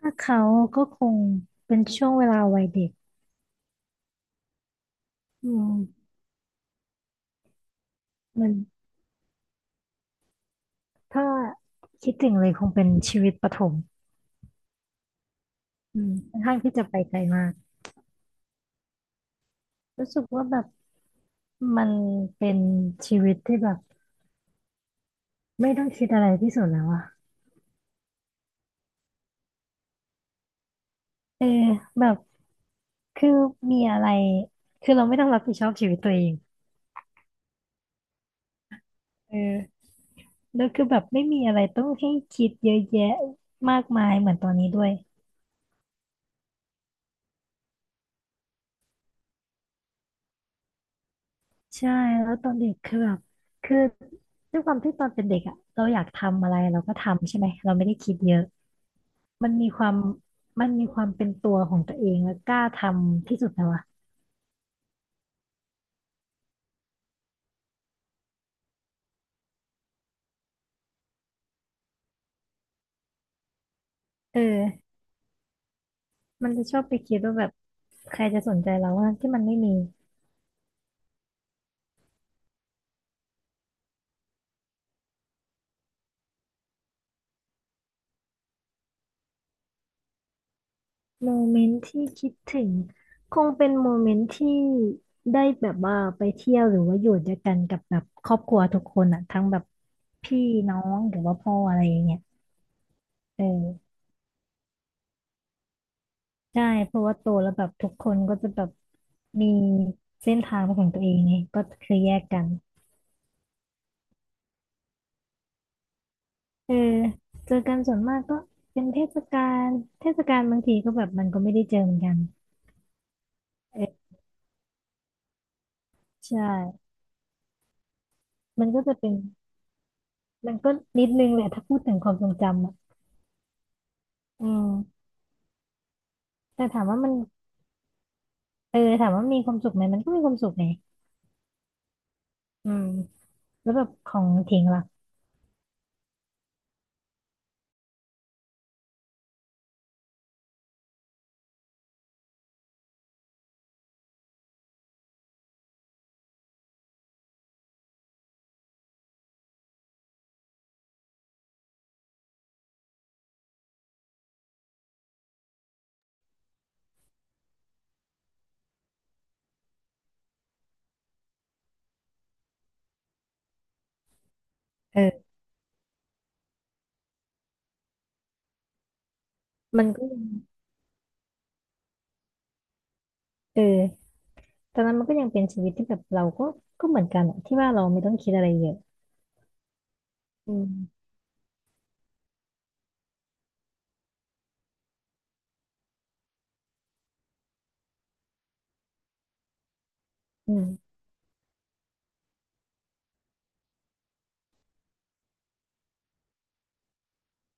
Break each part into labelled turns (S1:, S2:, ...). S1: ถ้าเขาก็คงเป็นช่วงเวลาวัยเด็กอืมมันถ้าคิดถึงเลยคงเป็นชีวิตประถมอืมค่อนข้างที่จะไปไกลมากรู้สึกว่าแบบมันเป็นชีวิตที่แบบไม่ต้องคิดอะไรที่สุดแล้วอะเออแบบคือมีอะไรคือเราไม่ต้องรับผิดชอบชีวิตตัวเองเออแล้วคือแบบไม่มีอะไรต้องให้คิดเยอะแยะมากมายเหมือนตอนนี้ด้วย ใช่แล้วตอนเด็กคือแบบคือด้วยความที่ตอนเป็นเด็กอ่ะเราอยากทำอะไรเราก็ทำใช่ไหมเราไม่ได้คิดเยอะมันมีความมันมีความเป็นตัวของตัวเองแล้วกล้าทำที่สุดแล้วอะเออมันจะชอบไปคิดว่าแบบใครจะสนใจเราว่าที่มันไม่มีโมเมนต์ที่คิดถึงคงเป็นโมเมนต์ที่ได้แบบว่าไปเที่ยวหรือว่าอยู่ด้วยกันกับแบบครอบครัวทุกคนอ่ะทั้งแบบพี่น้องหรือว่าพ่ออะไรอย่างเงี้ยเออ ใช่เพราะว่าโตแล้วแบบทุกคนก็จะแบบมีเส้นทางเป็นของตัวเองไงก็คือแยกกันเออเจอกันส่วนมากก็เป็นเทศกาลเทศกาลบางทีก็แบบมันก็ไม่ได้เจอเหมือนกันเออใช่มันก็จะเป็นมันก็นิดนึงแหละถ้าพูดถึงความทรงจำอ่ะอืมแต่ถามว่ามันถามว่ามีความสุขไหมมันก็มีความสุขไงอืมแล้วแบบของทิ้งล่ะเออมันก็ยังเออตอนนั้นมันก็ยังเป็นชีวิตที่แบบเราก็ก็เหมือนกันอะที่ว่าเราไม่ต้องคิดอะไรเยอะ อืมอืม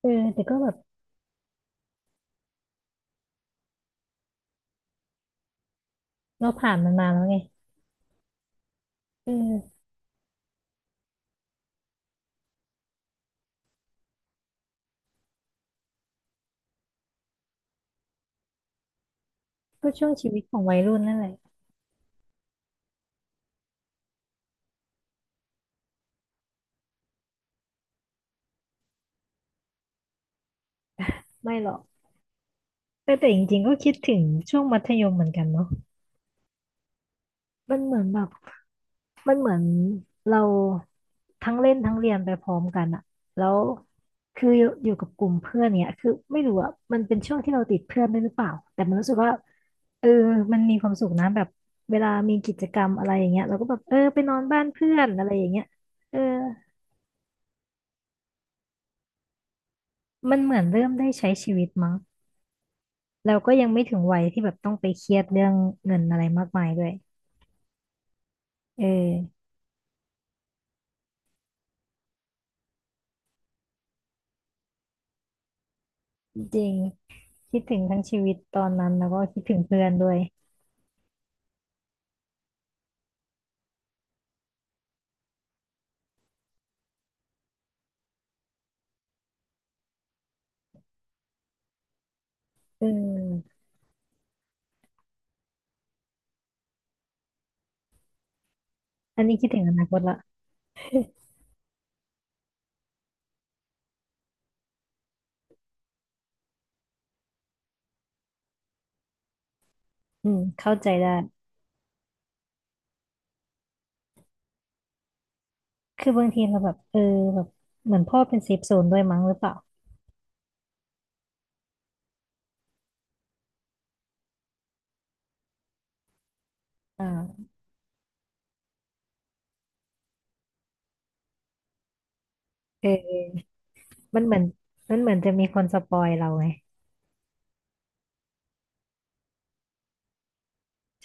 S1: เออแต่ก็แบบเราผ่านมันมาแล้วไงเออก็ช่วงชีวิตของวัยรุ่นนั่นแหละไม่หรอกแต่แต่จริงๆก็คิดถึงช่วงมัธยมเหมือนกันเนาะมันเหมือนแบบมันเหมือนเราทั้งเล่นทั้งเรียนไปพร้อมกันอะแล้วคืออยู่กับกลุ่มเพื่อนเนี่ยคือไม่รู้อะมันเป็นช่วงที่เราติดเพื่อนด้วยหรือเปล่าแต่มันรู้สึกว่าเออมันมีความสุขนะแบบเวลามีกิจกรรมอะไรอย่างเงี้ยเราก็แบบเออไปนอนบ้านเพื่อนอะไรอย่างเงี้ยเออมันเหมือนเริ่มได้ใช้ชีวิตมั้ง เราก็ยังไม่ถึงวัยที่แบบต้องไปเครียดเรื่องเงินอะไรมากมายด้วยเออจริงคิดถึงทั้งชีวิตตอนนั้นแล้วก็คิดถึงเพื่อนด้วยเอออันนี้คิดถึงอนาคตละอืมเข้าใจได้คือบางทีเราแบบเออแบบเหมือนพ่อเป็นเซฟโซนด้วยมั้งหรือเปล่าอ่าเออมันเหมือนมันเหมือนจะมีคนสปอยเราไง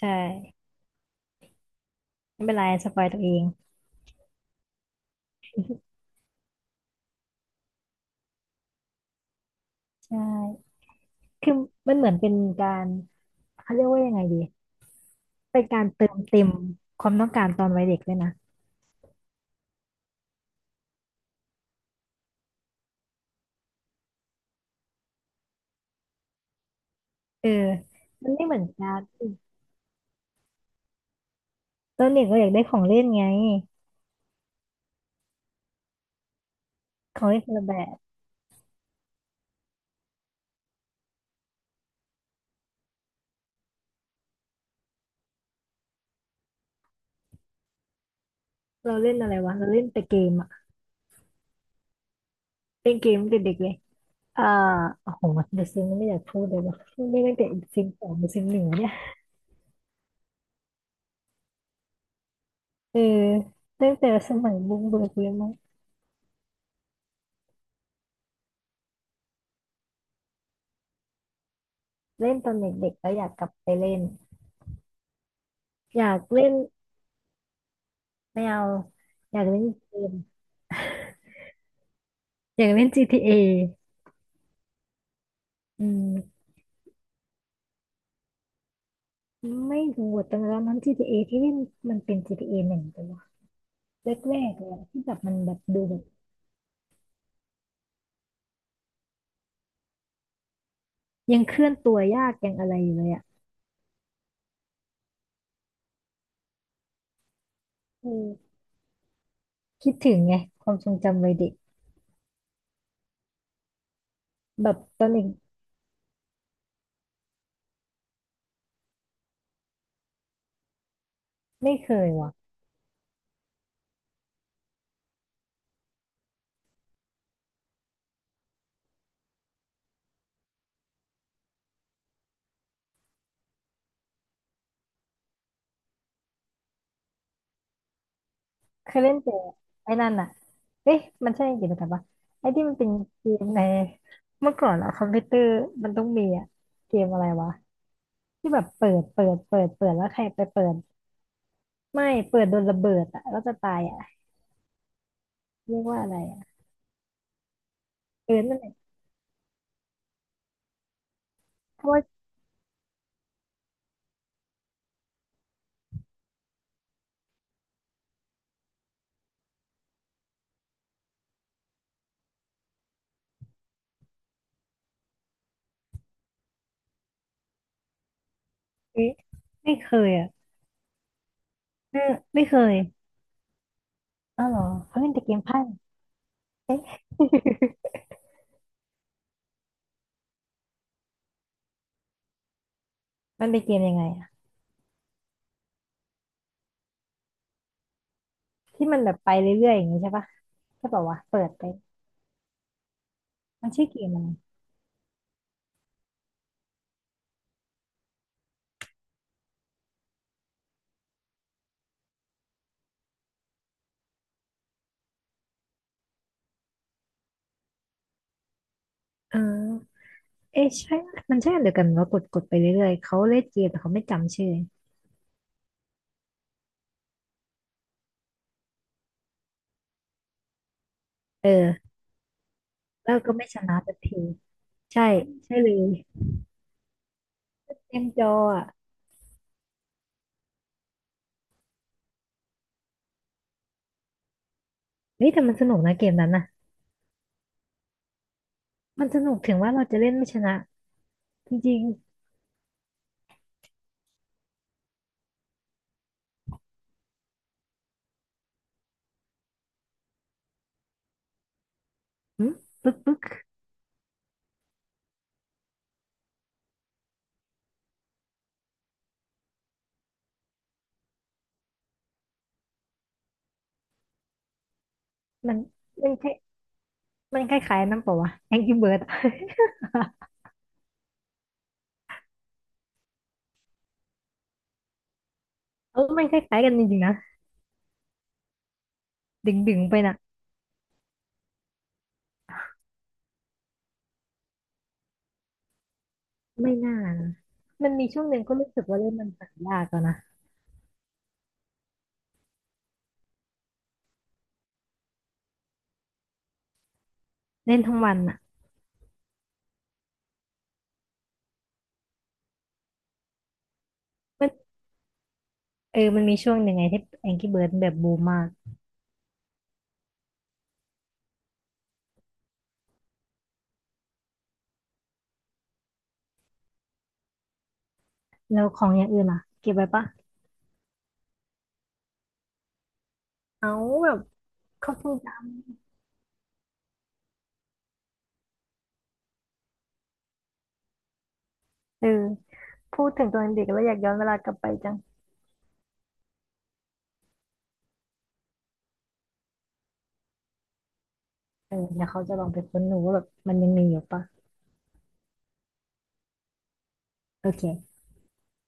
S1: ใช่ไม่เป็นไรสปอยตัวเองใช่คือมันเหมือนเป็นการเขาเรียกว่ายังไงดีเป็นการเติมเต็มความต้องการตอนวัยเด็กเลยนะ เออมันไม่เหมือนการ์ดสิตอนเด็กเราอยากได้ของเล่นไงของเล่นคนละแบบเราเล่นอะไรวะเราเล่นแต่เกมอะเล่นเกมตั้งแต่เด็กเลยอ่าโอ้โหเดอะซิมไม่อยากพูดเลยว่ะไม่ตั้งแต่ซิมสองหรือซิมหนึ่งวะเนี่ยเออตั้งแต่สมัยบุ้งเบิกเลยมั้งเล่นตอนเด็กๆแล้วอยากกลับไปเล่นอยากเล่นไม่เอาอยากเล่นเกมอยากเล่น GTA ออืมไม่รู้แตตอนนั้น GTA ทีเอที่เล่นมันเป็น GTA หนึ่งแต่ว่าแรกๆเลยอะที่แบบมันแบบดูแบบ ยังเคลื่อนตัวยากยังอะไรอยู่เลยอ่ะอืมคิดถึงไงความทรงจำวัยเด็กแบบตอนเด็กไม่เคยว่ะเคยเล่นแต่ไอ้นั่นอ่ะเอ๊ะมันใช่กิจกรรมปะไอ้ที่มันเป็นเกมในเมื่อก่อนอะคอมพิวเตอร์มันต้องมีอะเกมอะไรวะที่แบบเปิดแล้วใครไปเปิดไม่เปิดโดนระเบิดอ่ะแล้วจะตายอ่ะเรียกว่าอะไรอ่ะเออนั่นแหละเพราะว่าเอ๊ะไม่เคยอ่ะเออไม่เคยอ้าวเหรอเขาเล่นแต่เกมไพ่ มันเป็นเกมยังไงอะ ที่มันแบบไปเรื่อยๆอย่างนี้ใช่ปะใช่ป่าวะเปิดไปมันชื่อเกมอะไรเออเอ๊ะใช่มันใช่อันเดียวกันว่ากดกดไปเรื่อยๆเขาเล่นเกมแต่เขาไม่จำชื่อเออแล้วก็ไม่ชนะสักทีใช่ใช่เลยเกมจออ่ะเฮ้ยแต่มันสนุกนะเกมนั้นนะมันสนุกถึงว่าเราจะเล่นไม่ชนะจริงๆหึปึ๊กปึ๊กมันมันคล้ายมันคล้ายๆนั่นเปล่าวะ Angry Bird อะ เออมันคล้ายๆกันจริงๆนะดึงดึงไปนะไม่น่านะมันมีช่วงหนึ่งก็รู้สึกว่าเล่นมันหายากแล้วนะเล่นทั้งวันอ่ะ เออมันมีช่วงหนึ่งไงที่ Angry Birds แบบบูมมากแล้วของอย่างอื่นอ่ะเก็บไว้ปะเอาแบบเขาคงจะเออพูดถึงตอนเด็กแล้วอยากย้อนเวลากลับไปจังเออเดี๋ยวเขาจะลองไปค้นดูว่าแบบมันยังมีอยู่ปะโอเค